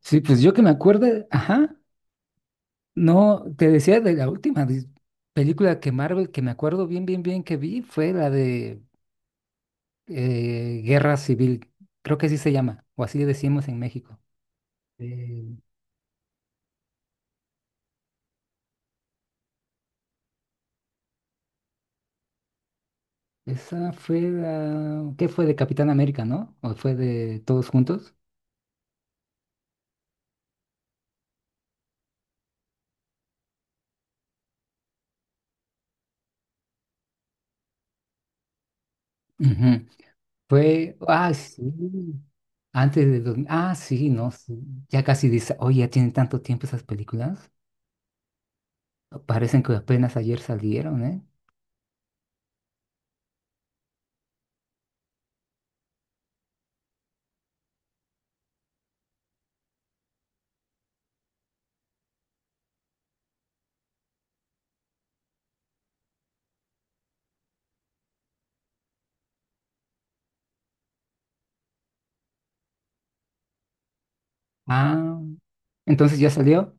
Sí, pues yo que me acuerde, ajá, no, te decía de la última película que Marvel, que me acuerdo bien, bien, bien que vi, fue la de Guerra Civil, creo que así se llama, o así le decimos en México. Eh, esa fue la, ¿qué fue de Capitán América, no? ¿O fue de Todos Juntos? Ujú. Fue, sí, antes de, mil, sí, no, sí, ya casi dice, oye, ya tienen tanto tiempo esas películas, parecen que apenas ayer salieron, ¿eh? Ah, entonces ya salió.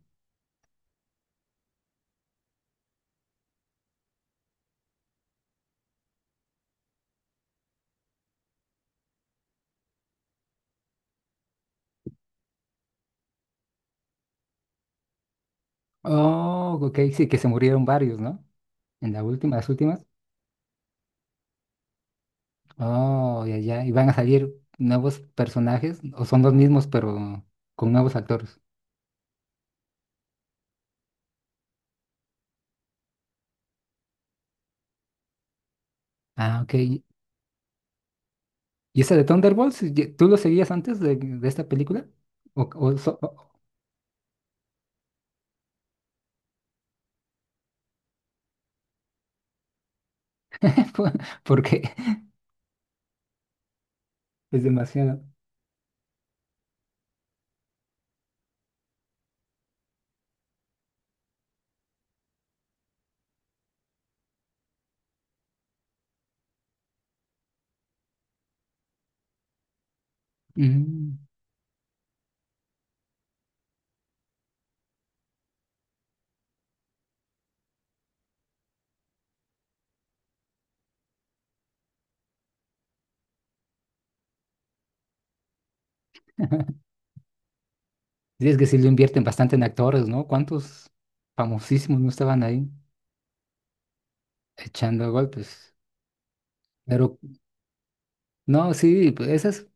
Oh, ok, sí, que se murieron varios, ¿no? En la última, las últimas. Oh, ya, ya. Y van a salir nuevos personajes, o son los mismos, pero con nuevos actores. Ah, ok. ¿Y esa de Thunderbolts, tú lo seguías antes de esta película? ¿O? Porque es demasiado. Mm. Sí, es que sí lo invierten bastante en actores, ¿no? ¿Cuántos famosísimos no estaban ahí echando golpes? Pero no, sí, pues esas.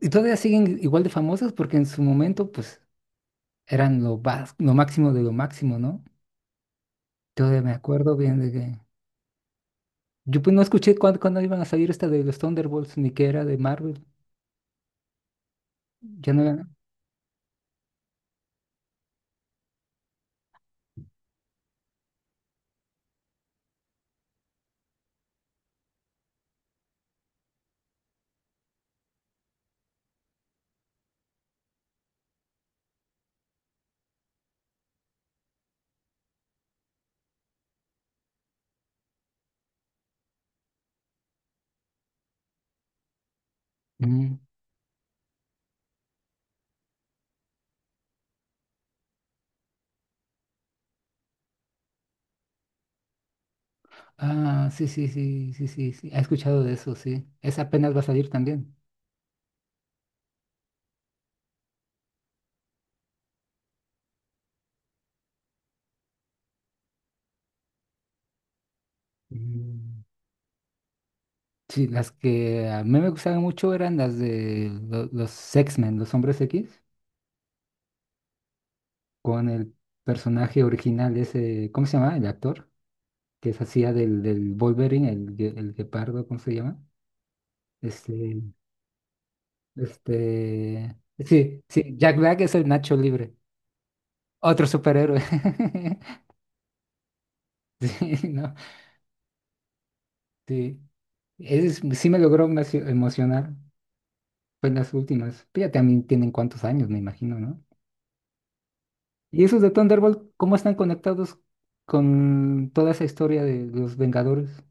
Y todavía siguen igual de famosas porque en su momento, pues, eran lo máximo de lo máximo, ¿no? Todavía me acuerdo bien de que. Yo pues no escuché cuándo iban a salir esta de los Thunderbolts, ni que era de Marvel. Ya no era. Mm. Ah, sí, sí, sí, sí, sí, sí. He escuchado de eso, sí. Esa apenas va a salir también. Mm. Sí, las que a mí me gustaban mucho eran las de los X-Men, los Hombres X, con el personaje original, ese. ¿Cómo se llama el actor? Que se hacía del Wolverine, el guepardo, ¿cómo se llama? Este, este, sí, sí, Jack Black es el Nacho Libre, otro superhéroe. Sí, no, sí, es, sí me logró emocionar, fue en las últimas, pero ya también tienen cuántos años, me imagino, ¿no? Y esos de Thunderbolt, ¿cómo están conectados con toda esa historia de los Vengadores?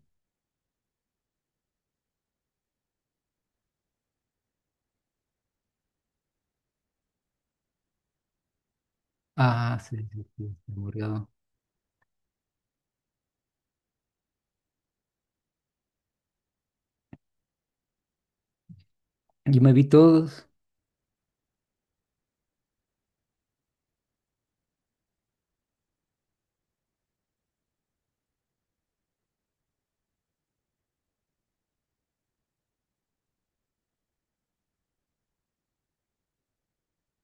Ah, sí, sí, sí, se murió. Yo me vi todos.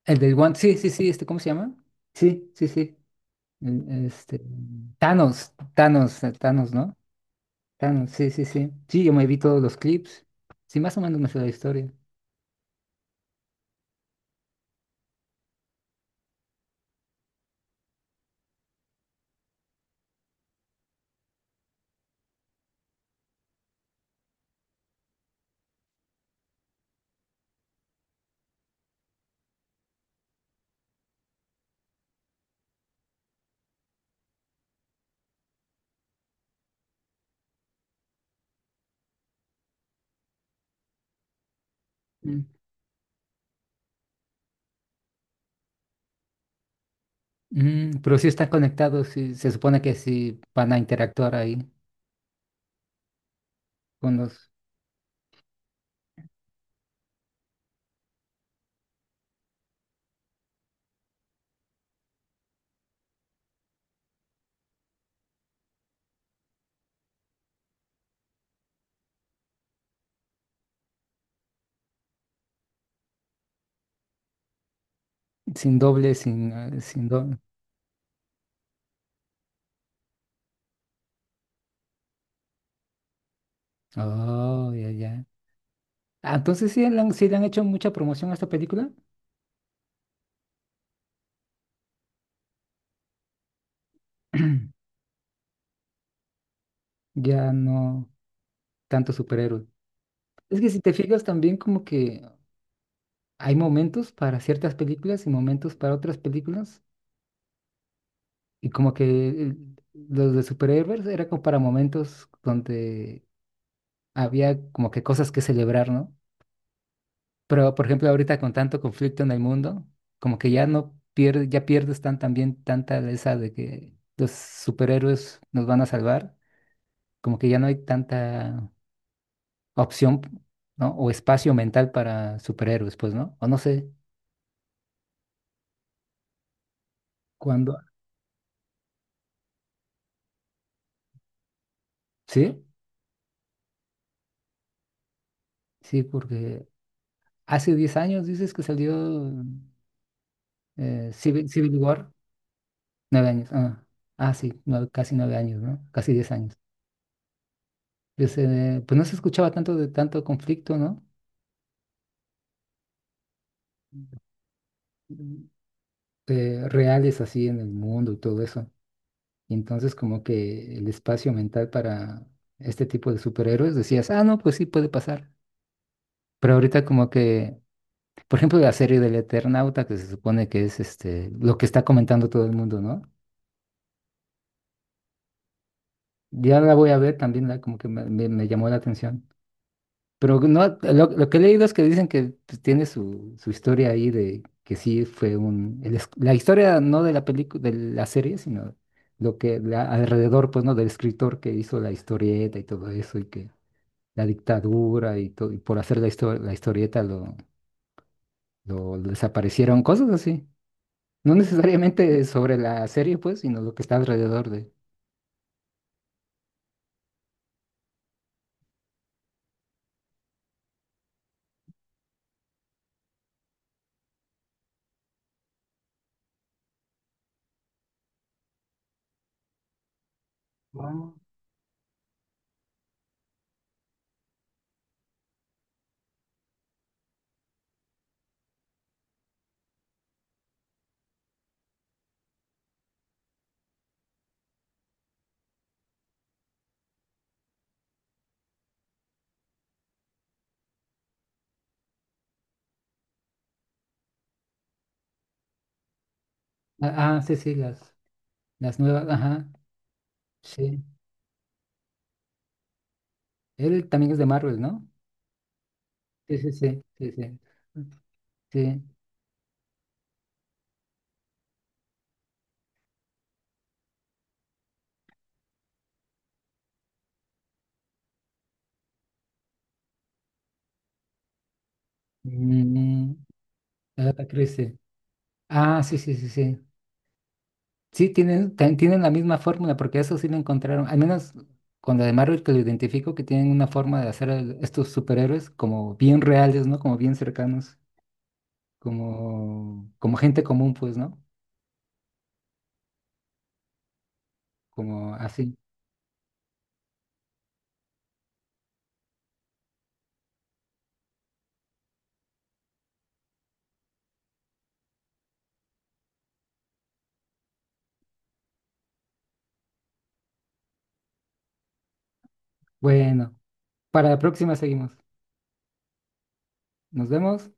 El del One, sí, sí, sí, este, ¿cómo se llama? Sí, sí, sí. Este, Thanos, Thanos, Thanos, ¿no? Thanos, sí, sí, sí. Sí, yo me vi todos los clips. Sí, más o menos me sé la historia. Mm. Pero sí están conectados, sí, se supone que sí van a interactuar ahí con los sin doble, sin doble. Oh, ya, ya. Ah, entonces sí le han hecho mucha promoción a esta película. Ya no tanto superhéroe. Es que si te fijas también como que hay momentos para ciertas películas y momentos para otras películas. Y como que los de superhéroes era como para momentos donde había como que cosas que celebrar, ¿no? Pero, por ejemplo, ahorita con tanto conflicto en el mundo, como que ya no pierdes, ya pierdes tan también tanta esa de que los superhéroes nos van a salvar, como que ya no hay tanta opción, ¿no? O espacio mental para superhéroes, pues, ¿no? O no sé cuándo. Sí, sí, porque hace 10 años dices que salió Civil War. 9 años, sí, casi 9 años, ¿no? Casi 10 años. Pues no se escuchaba tanto de tanto conflicto, ¿no? Mm, reales así en el mundo y todo eso. Y entonces como que el espacio mental para este tipo de superhéroes decías, ah, no, pues sí puede pasar. Pero ahorita como que, por ejemplo, la serie del Eternauta, que se supone que es este, lo que está comentando todo el mundo, ¿no? Ya la voy a ver, también la, como que me llamó la atención. Pero no, lo que he leído es que dicen que pues, tiene su historia ahí de que sí fue la historia no de la película, de la serie, sino lo que alrededor, pues, ¿no? Del escritor que hizo la historieta y todo eso, y que la dictadura y todo, y por hacer la historieta lo, desaparecieron, cosas así. No necesariamente sobre la serie, pues, sino lo que está alrededor de. Ah. Ah, sí, sí, las nuevas, ajá, sí. Él también es de Marvel, ¿no? Sí, sí, sí, sí, sí. Sí. Mm, ah, crece. Ah, sí, sí, sí, sí. Sí, tienen la misma fórmula, porque eso sí lo encontraron. Al menos con la de Marvel que lo identifico, que tienen una forma de hacer estos superhéroes como bien reales, ¿no? Como bien cercanos, como gente común, pues, ¿no? Como así. Bueno, para la próxima seguimos. Nos vemos.